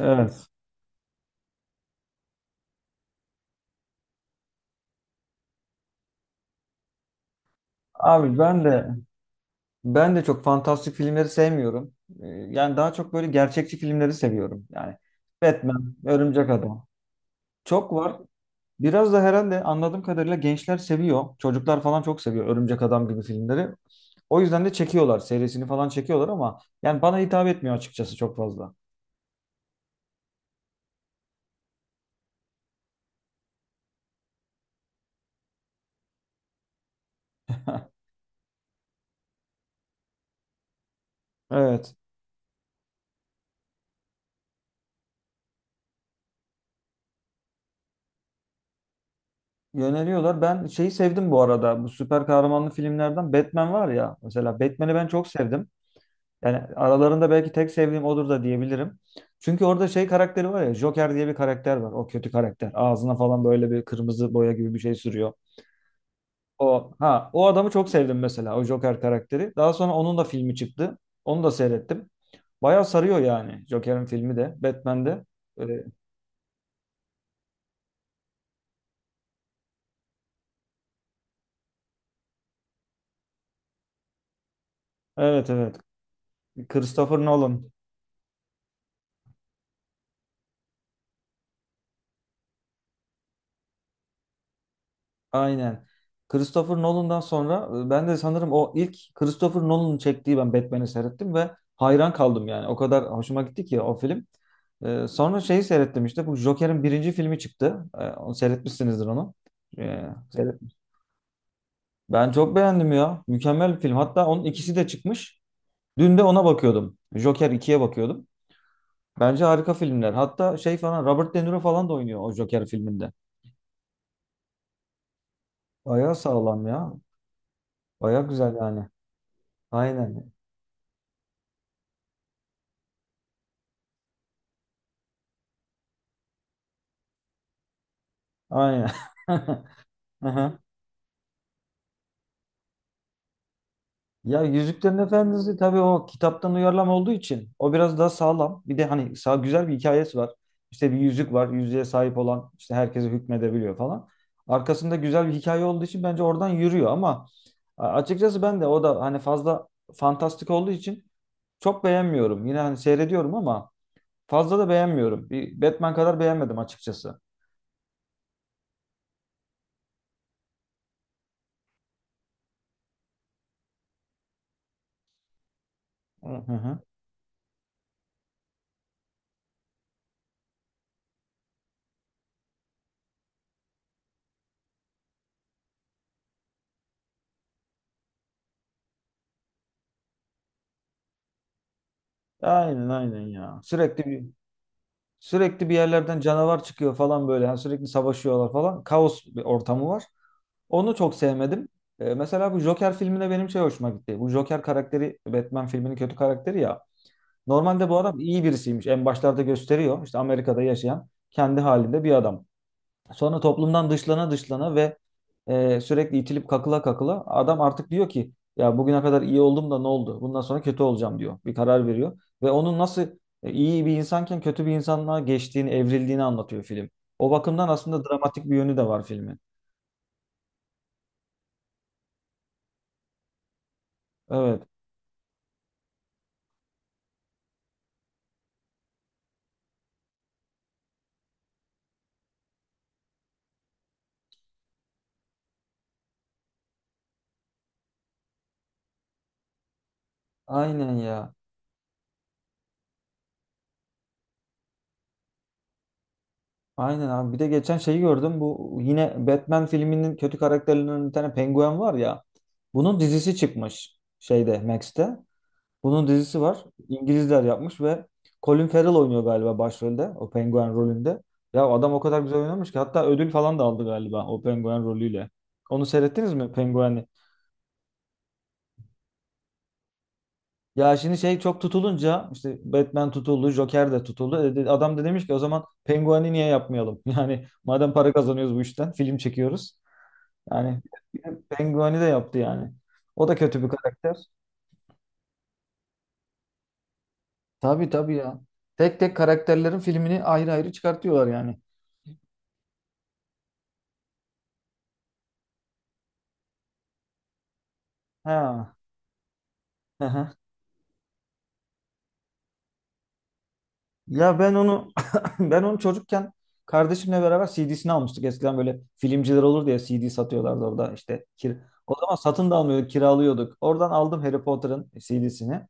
Evet. Abi ben de ben de çok fantastik filmleri sevmiyorum. Yani daha çok böyle gerçekçi filmleri seviyorum. Yani Batman, Örümcek Adam. Çok var. Biraz da herhalde anladığım kadarıyla gençler seviyor. Çocuklar falan çok seviyor Örümcek Adam gibi filmleri. O yüzden de çekiyorlar. Serisini falan çekiyorlar ama yani bana hitap etmiyor açıkçası çok fazla. Evet. Yöneliyorlar. Ben şeyi sevdim bu arada. Bu süper kahramanlı filmlerden Batman var ya. Mesela Batman'i ben çok sevdim. Yani aralarında belki tek sevdiğim odur da diyebilirim. Çünkü orada şey karakteri var ya Joker diye bir karakter var. O kötü karakter. Ağzına falan böyle bir kırmızı boya gibi bir şey sürüyor. O adamı çok sevdim mesela o Joker karakteri. Daha sonra onun da filmi çıktı. Onu da seyrettim. Bayağı sarıyor yani Joker'in filmi de Batman'de. Ee, Evet evet. Christopher Nolan. Aynen. Christopher Nolan'dan sonra ben de sanırım o ilk Christopher Nolan'ın çektiği ben Batman'i seyrettim ve hayran kaldım yani. O kadar hoşuma gitti ki o film. E, sonra şeyi seyrettim işte bu Joker'in birinci filmi çıktı. E, onu seyretmişsinizdir onu. E, seyret- Ben çok beğendim ya. Mükemmel bir film. Hatta onun ikisi de çıkmış. Dün de ona bakıyordum. Joker ikiye bakıyordum. Bence harika filmler. Hatta şey falan Robert De Niro falan da oynuyor o Joker filminde. Bayağı sağlam ya. Bayağı güzel yani. Aynen. Aynen. Aha. Ya Yüzüklerin Efendisi tabii o kitaptan uyarlama olduğu için o biraz daha sağlam. Bir de hani sağ güzel bir hikayesi var. İşte bir yüzük var. Yüzüğe sahip olan işte herkese hükmedebiliyor falan. Arkasında güzel bir hikaye olduğu için bence oradan yürüyor ama açıkçası ben de o da hani fazla fantastik olduğu için çok beğenmiyorum. Yine hani seyrediyorum ama fazla da beğenmiyorum. Bir Batman kadar beğenmedim açıkçası. Hı hı. Aynen aynen ya. Sürekli bir Sürekli bir yerlerden canavar çıkıyor falan böyle. Yani sürekli savaşıyorlar falan. Kaos bir ortamı var. Onu çok sevmedim. Mesela bu Joker filmine benim şey hoşuma gitti. Bu Joker karakteri Batman filminin kötü karakteri ya. Normalde bu adam iyi birisiymiş. En başlarda gösteriyor. İşte Amerika'da yaşayan kendi halinde bir adam. Sonra toplumdan dışlana dışlana ve sürekli itilip kakıla kakıla adam artık diyor ki ya bugüne kadar iyi oldum da ne oldu? Bundan sonra kötü olacağım diyor. Bir karar veriyor. Ve onun nasıl iyi bir insanken kötü bir insanlığa geçtiğini, evrildiğini anlatıyor film. O bakımdan aslında dramatik bir yönü de var filmin. Evet. Aynen ya. Aynen abi. Bir de geçen şeyi gördüm. Bu yine Batman filminin kötü karakterlerinden bir tane penguen var ya. Bunun dizisi çıkmış şeyde Max'te. Bunun dizisi var. İngilizler yapmış ve Colin Farrell oynuyor galiba başrolde. O penguen rolünde. Ya adam o kadar güzel oynamış ki hatta ödül falan da aldı galiba o penguen rolüyle. Onu seyrettiniz mi pengueni? Ya şimdi şey çok tutulunca işte Batman tutuldu, Joker de tutuldu. Adam da demiş ki o zaman pengueni niye yapmayalım? Yani madem para kazanıyoruz bu işten film çekiyoruz. Yani pengueni de yaptı yani. O da kötü bir karakter. Tabii tabii ya. Tek tek karakterlerin filmini ayrı ayrı çıkartıyorlar yani. Ha. Aha. Ya ben onu ben onu çocukken kardeşimle beraber CD'sini almıştık. Eskiden böyle filmciler olurdu ya CD satıyorlardı orada işte. Kir- O zaman satın da almıyorduk, kiralıyorduk. Oradan aldım Harry Potter'ın CD'sini.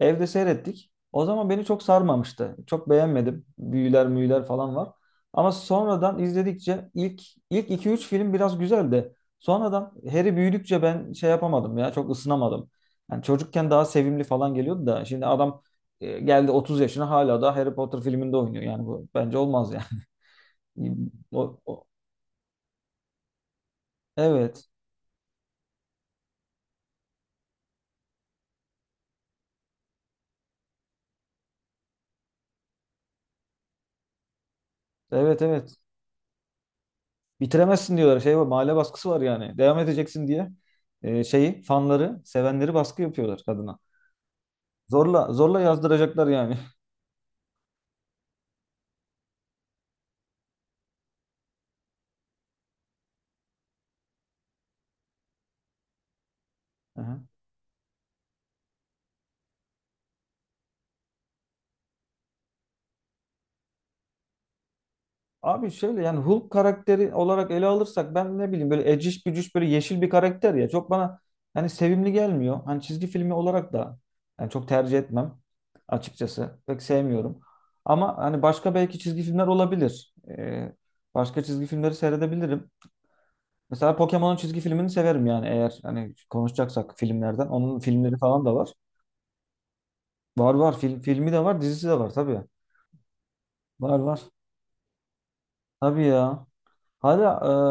Evde seyrettik. O zaman beni çok sarmamıştı. Çok beğenmedim. Büyüler müyüler falan var. Ama sonradan izledikçe ilk ilk iki üç film biraz güzeldi. Sonradan Harry büyüdükçe ben şey yapamadım ya çok ısınamadım. Yani çocukken daha sevimli falan geliyordu da şimdi adam geldi 30 yaşına hala da Harry Potter filminde oynuyor. Yani bu bence olmaz yani. O, o- evet. Evet evet. Bitiremezsin diyorlar. Şey var, mahalle baskısı var yani. Devam edeceksin diye şeyi fanları, sevenleri baskı yapıyorlar kadına. Zorla zorla yazdıracaklar yani. Hı hı. Abi şöyle yani Hulk karakteri olarak ele alırsak ben ne bileyim böyle eciş bücüş böyle yeşil bir karakter ya. Çok bana hani sevimli gelmiyor. Hani çizgi filmi olarak da yani çok tercih etmem açıkçası. Pek sevmiyorum. Ama hani başka belki çizgi filmler olabilir. Başka çizgi filmleri seyredebilirim. Mesela Pokemon'un çizgi filmini severim yani eğer hani konuşacaksak filmlerden. Onun filmleri falan da var. Var var film, filmi de var dizisi de var tabii. Var var. Tabii ya. Hala,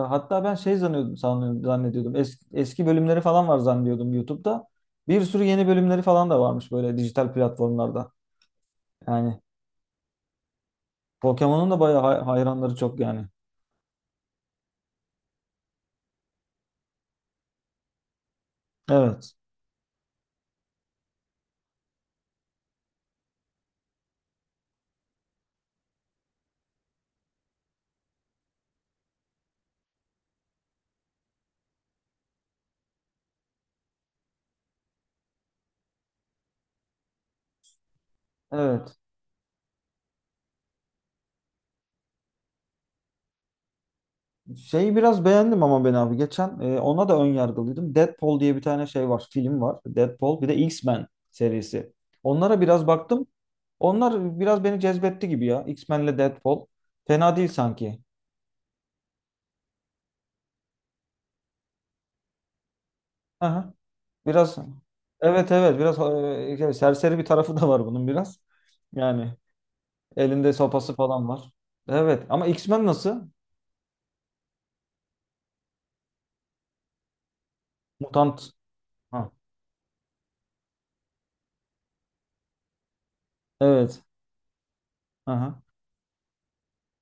hatta ben şey zannediyordum, zannediyordum. Eski, eski bölümleri falan var zannediyordum YouTube'da. Bir sürü yeni bölümleri falan da varmış böyle dijital platformlarda. Yani Pokemon'un da bayağı hayranları çok yani. Evet. Evet. Şeyi biraz beğendim ama ben abi geçen ona da ön yargılıydım. Deadpool diye bir tane şey var, film var. Deadpool bir de X-Men serisi. Onlara biraz baktım. Onlar biraz beni cezbetti gibi ya. X-Men'le Deadpool. Fena değil sanki. Biraz evet, evet, biraz yani serseri bir tarafı da var bunun biraz. Yani elinde sopası falan var. Evet ama X-Men nasıl? Mutant. Ha. Evet. Aha.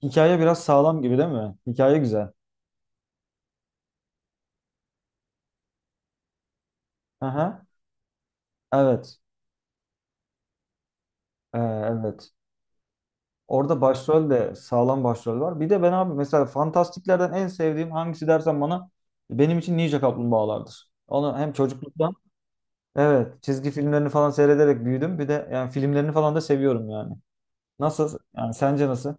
Hikaye biraz sağlam gibi değil mi? Hikaye güzel. Aha. Evet. Evet. Orada başrol de sağlam başrol var. Bir de ben abi mesela fantastiklerden en sevdiğim hangisi dersen bana benim için Ninja Kaplumbağalardır. Onu hem çocukluktan evet çizgi filmlerini falan seyrederek büyüdüm. Bir de yani filmlerini falan da seviyorum yani. Nasıl? Yani sence nasıl?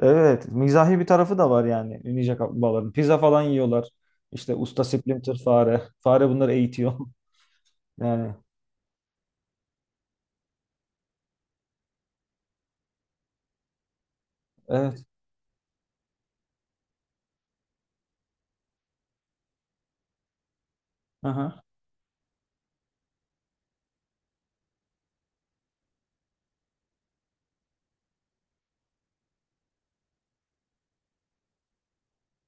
Evet, mizahi bir tarafı da var yani ninja kaplumbağaların. Pizza falan yiyorlar. İşte usta Splinter fare. Fare bunları eğitiyor. Yani evet. Aha.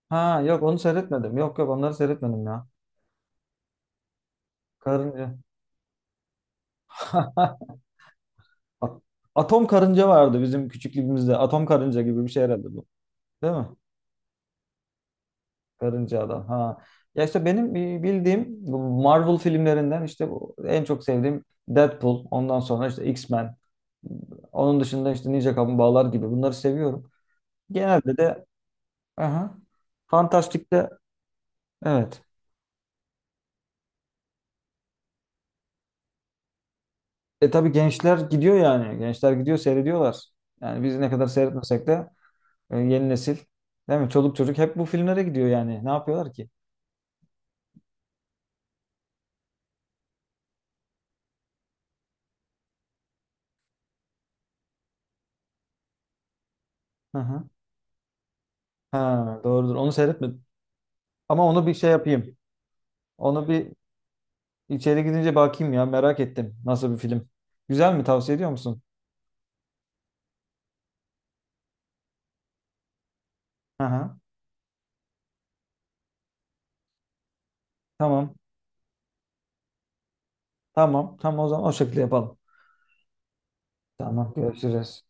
Ha yok onu seyretmedim. Yok yok onları seyretmedim ya. Karınca. At- Atom karınca vardı bizim küçüklüğümüzde. Atom karınca gibi bir şey herhalde bu. Değil mi? Karınca Adam. Ha. Ya işte benim bildiğim bu Marvel filmlerinden işte bu en çok sevdiğim Deadpool. Ondan sonra işte X-Men. Onun dışında işte Ninja Kaplumbağalar gibi bunları seviyorum. Genelde de aha, Fantastik'te evet. E tabii gençler gidiyor yani. Gençler gidiyor seyrediyorlar. Yani biz ne kadar seyretmesek de yeni nesil değil mi? Çoluk çocuk hep bu filmlere gidiyor yani. Ne yapıyorlar ki? Hı hı. Ha, doğrudur. Onu seyretmedim. Ama onu bir şey yapayım. Onu bir İçeri gidince bakayım ya merak ettim. Nasıl bir film? Güzel mi? Tavsiye ediyor musun? Aha, tamam. Tamam. Tamam o zaman o şekilde yapalım. Tamam görüşürüz.